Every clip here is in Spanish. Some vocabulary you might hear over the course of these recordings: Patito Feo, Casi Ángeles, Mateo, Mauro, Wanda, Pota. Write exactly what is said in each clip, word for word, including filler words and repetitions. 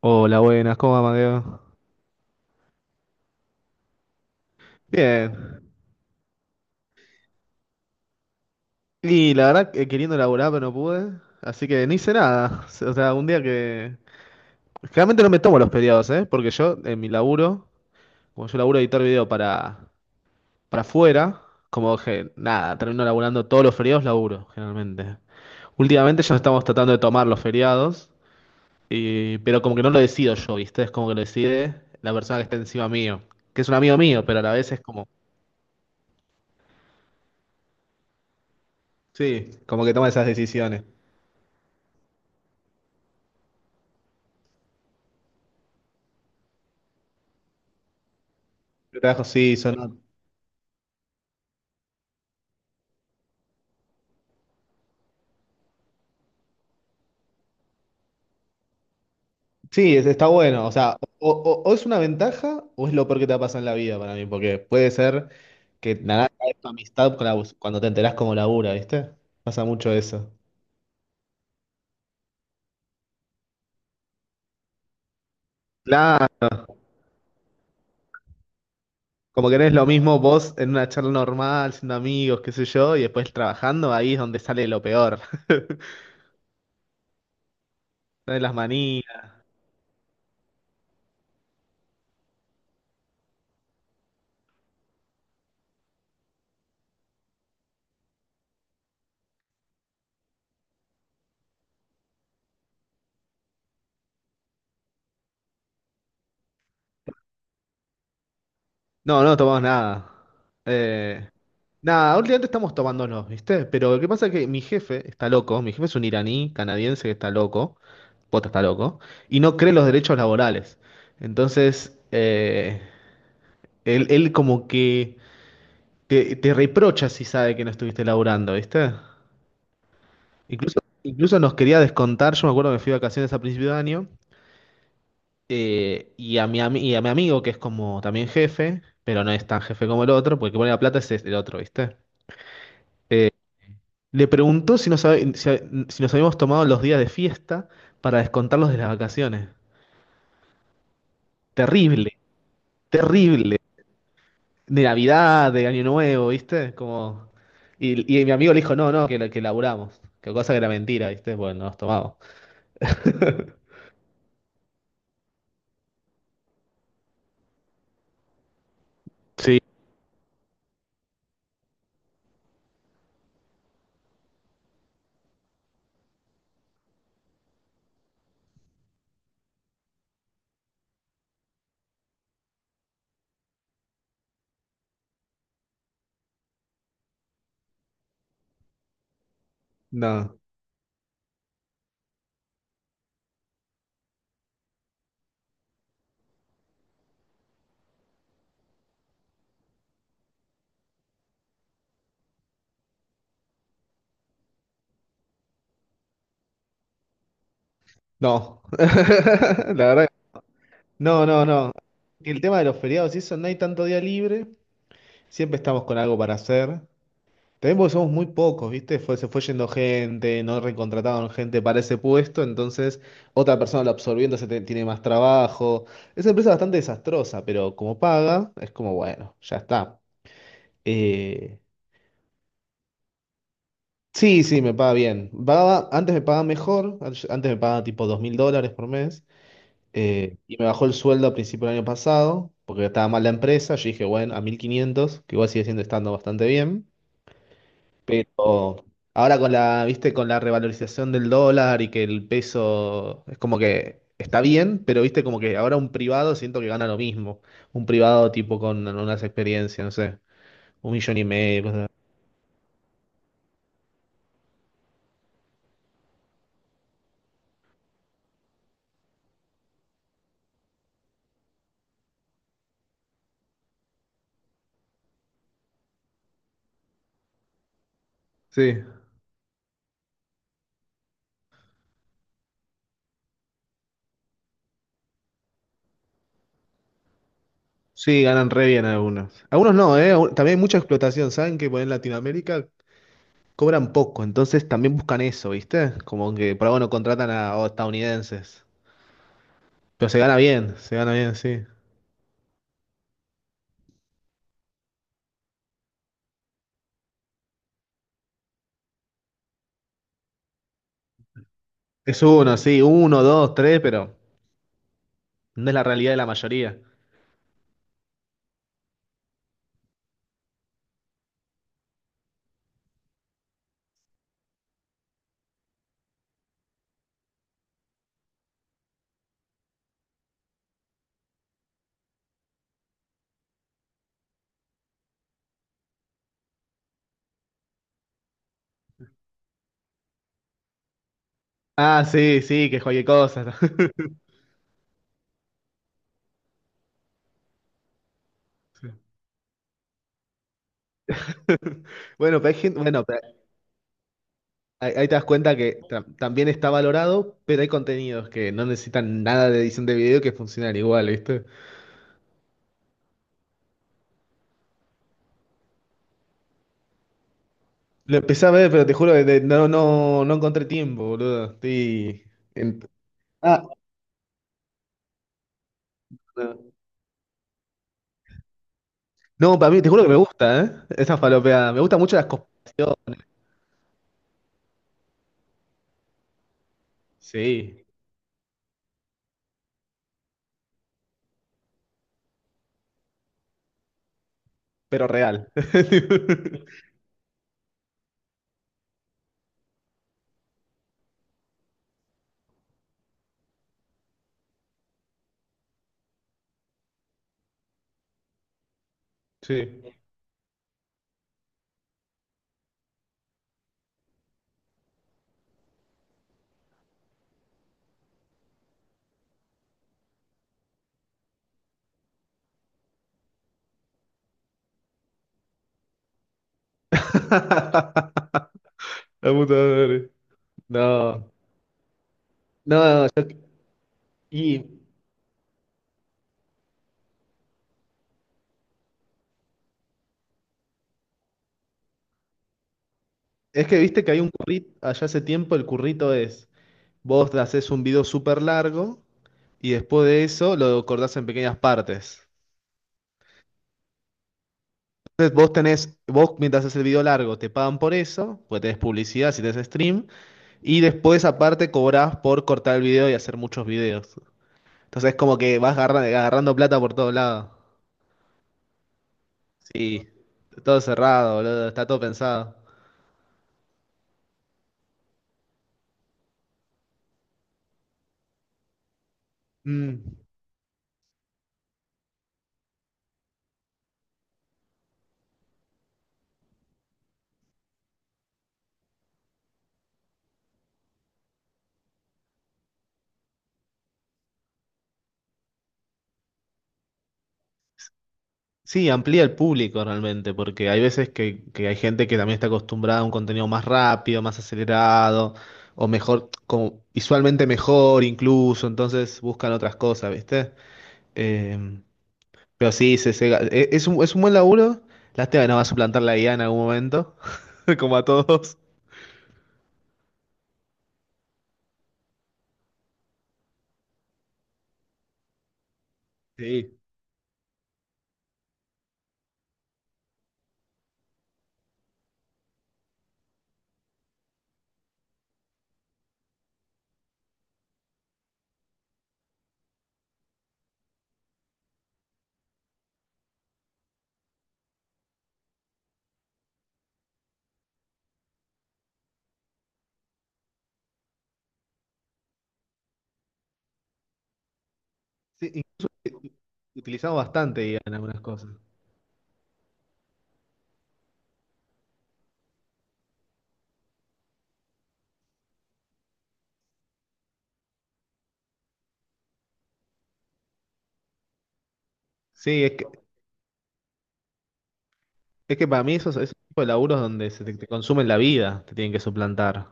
Hola, buenas, ¿cómo va, Mateo? Bien. Y la verdad, que queriendo laburar, pero no pude. Así que no hice nada. O sea, un día que. Generalmente no me tomo los feriados, ¿eh? Porque yo, en mi laburo, como yo laburo editar video para, para afuera, como que nada, termino laburando todos los feriados, laburo, generalmente. Últimamente ya estamos tratando de tomar los feriados, y, pero como que no lo decido yo, ¿viste? Es como que lo decide la persona que está encima mío, que es un amigo mío, pero a la vez es como. Sí, como que toma esas decisiones. Yo trabajo, sí, son... sí, es- está bueno. O sea, o, o- o es una ventaja o es lo peor que te va a pasar en la vida para mí, porque puede ser que nada tu amistad con la- bus- cuando te enterás como labura, ¿viste? Pasa mucho eso. Claro, como que no es lo mismo vos en una charla normal, siendo amigos, qué sé yo, y después trabajando, ahí es donde sale lo peor. Salen las manías. No, no tomamos nada. Eh, nada, últimamente estamos tomándonos, ¿viste? Pero lo que pasa es que mi jefe está loco, mi jefe es un iraní canadiense que está loco, Pota está loco, y no cree los derechos laborales. Entonces, eh, él, él como que te, te reprocha si sabe que no estuviste laburando, ¿viste? Incluso, incluso nos quería descontar, yo me acuerdo que me fui de vacaciones a principio de año, eh, y a mi, ami- y a mi amigo, que es como también jefe, pero no es tan jefe como el otro, porque el que pone la plata es el otro, ¿viste? Le preguntó si nos, habe- si ha- si nos habíamos tomado los días de fiesta para descontarlos de las vacaciones. Terrible, terrible. De Navidad, de Año Nuevo, ¿viste? Como... Y, y mi amigo le dijo, no, no, que, la- que laburamos. Que cosa que era mentira, ¿viste? Bueno, nos tomamos. Sí, no, no. La verdad. No, no, no. El tema de los feriados y eso, no hay tanto día libre. Siempre estamos con algo para hacer. También porque somos muy pocos, ¿viste? Fue, se fue yendo gente, no recontrataban gente para ese puesto, entonces otra persona lo absorbiendo se te- tiene más trabajo. Es una empresa bastante desastrosa, pero como paga, es como bueno, ya está. Eh, sí, sí, me paga bien. Pagaba, antes me pagaba mejor, an- antes me pagaba tipo dos mil dólares por mes, eh, y me bajó el sueldo a principio del año pasado, porque estaba mal la empresa. Yo dije, bueno, a mil quinientos, que igual sigue siendo estando bastante bien. Pero ahora con la, viste, con la revalorización del dólar y que el peso es como que está bien, pero viste, como que ahora un privado siento que gana lo mismo. Un privado tipo con unas experiencias, no sé, un millón y medio, cosas así. Sí, sí, ganan re bien algunos. Algunos no, ¿eh? Aún- También hay mucha explotación, ¿saben? Que pues, en Latinoamérica cobran poco, entonces también buscan eso, ¿viste? Como que por algo no contratan a a estadounidenses. Pero se gana bien, se gana bien, sí. Es uno, sí, uno, dos, tres, pero... No es la realidad de la mayoría. Ah, sí, sí, que cualquier cosa. Bueno, pero hay gente- bueno, pero ahí, ahí te das cuenta que ta- también está valorado, pero hay contenidos que no necesitan nada de edición de video que funcionan igual, ¿viste? Lo empecé a ver, pero te juro que de- no, no, no encontré tiempo, boludo. Estoy en- Ah, no, no, para mí, te juro que me gusta, ¿eh? Esa falopeada. Me gustan mucho las cosas. Sí, pero real. Sí. La puta madre. No. No, y es que viste que hay un currito, allá hace tiempo el currito es, vos haces un video súper largo y después de eso lo cortás en pequeñas partes. Entonces vos tenés, vos mientras haces el video largo te pagan por eso, porque tenés publicidad si tenés stream, y después aparte cobrás por cortar el video y hacer muchos videos. Entonces es como que vas agarra- agarrando, plata por todos lados. Sí, todo cerrado, boludo, está todo pensado. Mm. Sí, amplía el público realmente, porque hay veces que, que hay gente que también está acostumbrada a un contenido más rápido, más acelerado, o mejor, como visualmente mejor incluso, entonces buscan otras cosas, ¿viste? Eh, pero sí, se, se- e- es un, es un buen laburo. Lástima que no va a suplantar la I A en algún momento, como a todos. Sí. Sí, incluso utilizamos bastante I A en algunas cosas. Sí, es que, es que para mí esos, esos tipos de laburos donde se te, te consumen la vida, te tienen que suplantar.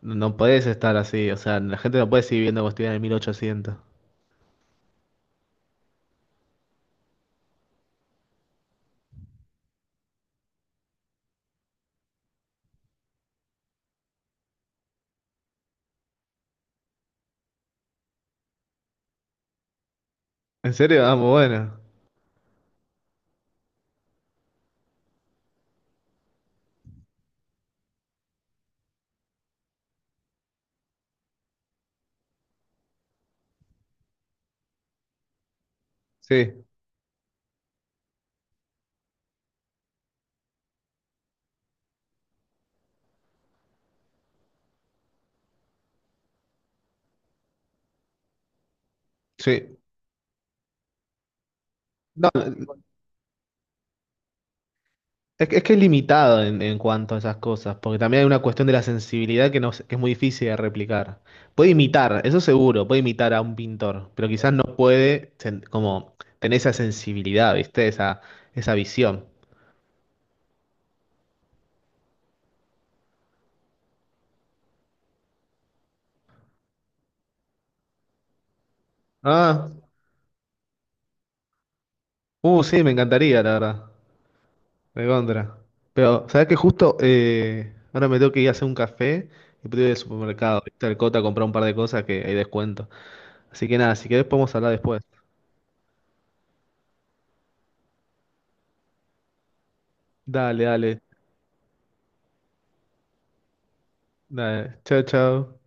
No podés estar así, o sea, la gente no puede seguir viendo como estuvieran en mil ochocientos ¿En serio? Ah, muy bueno. Sí, sí. No, es que es, que es limitado en, en cuanto a esas cosas, porque también hay una cuestión de la sensibilidad que, no, se- que es muy difícil de replicar. Puede imitar, eso seguro, puede imitar a un pintor, pero quizás no puede sen- como tener esa sensibilidad, ¿viste? Esa, esa visión. Ah, uh, sí, me encantaría, la verdad. De contra. Pero, ¿sabes qué? Justo eh, ahora me tengo que ir a hacer un café y puedo ir al supermercado, ¿viste? Al Cota a comprar un par de cosas que hay descuento. Así que nada, si querés podemos hablar después. Dale, dale. Dale. Chao, chao.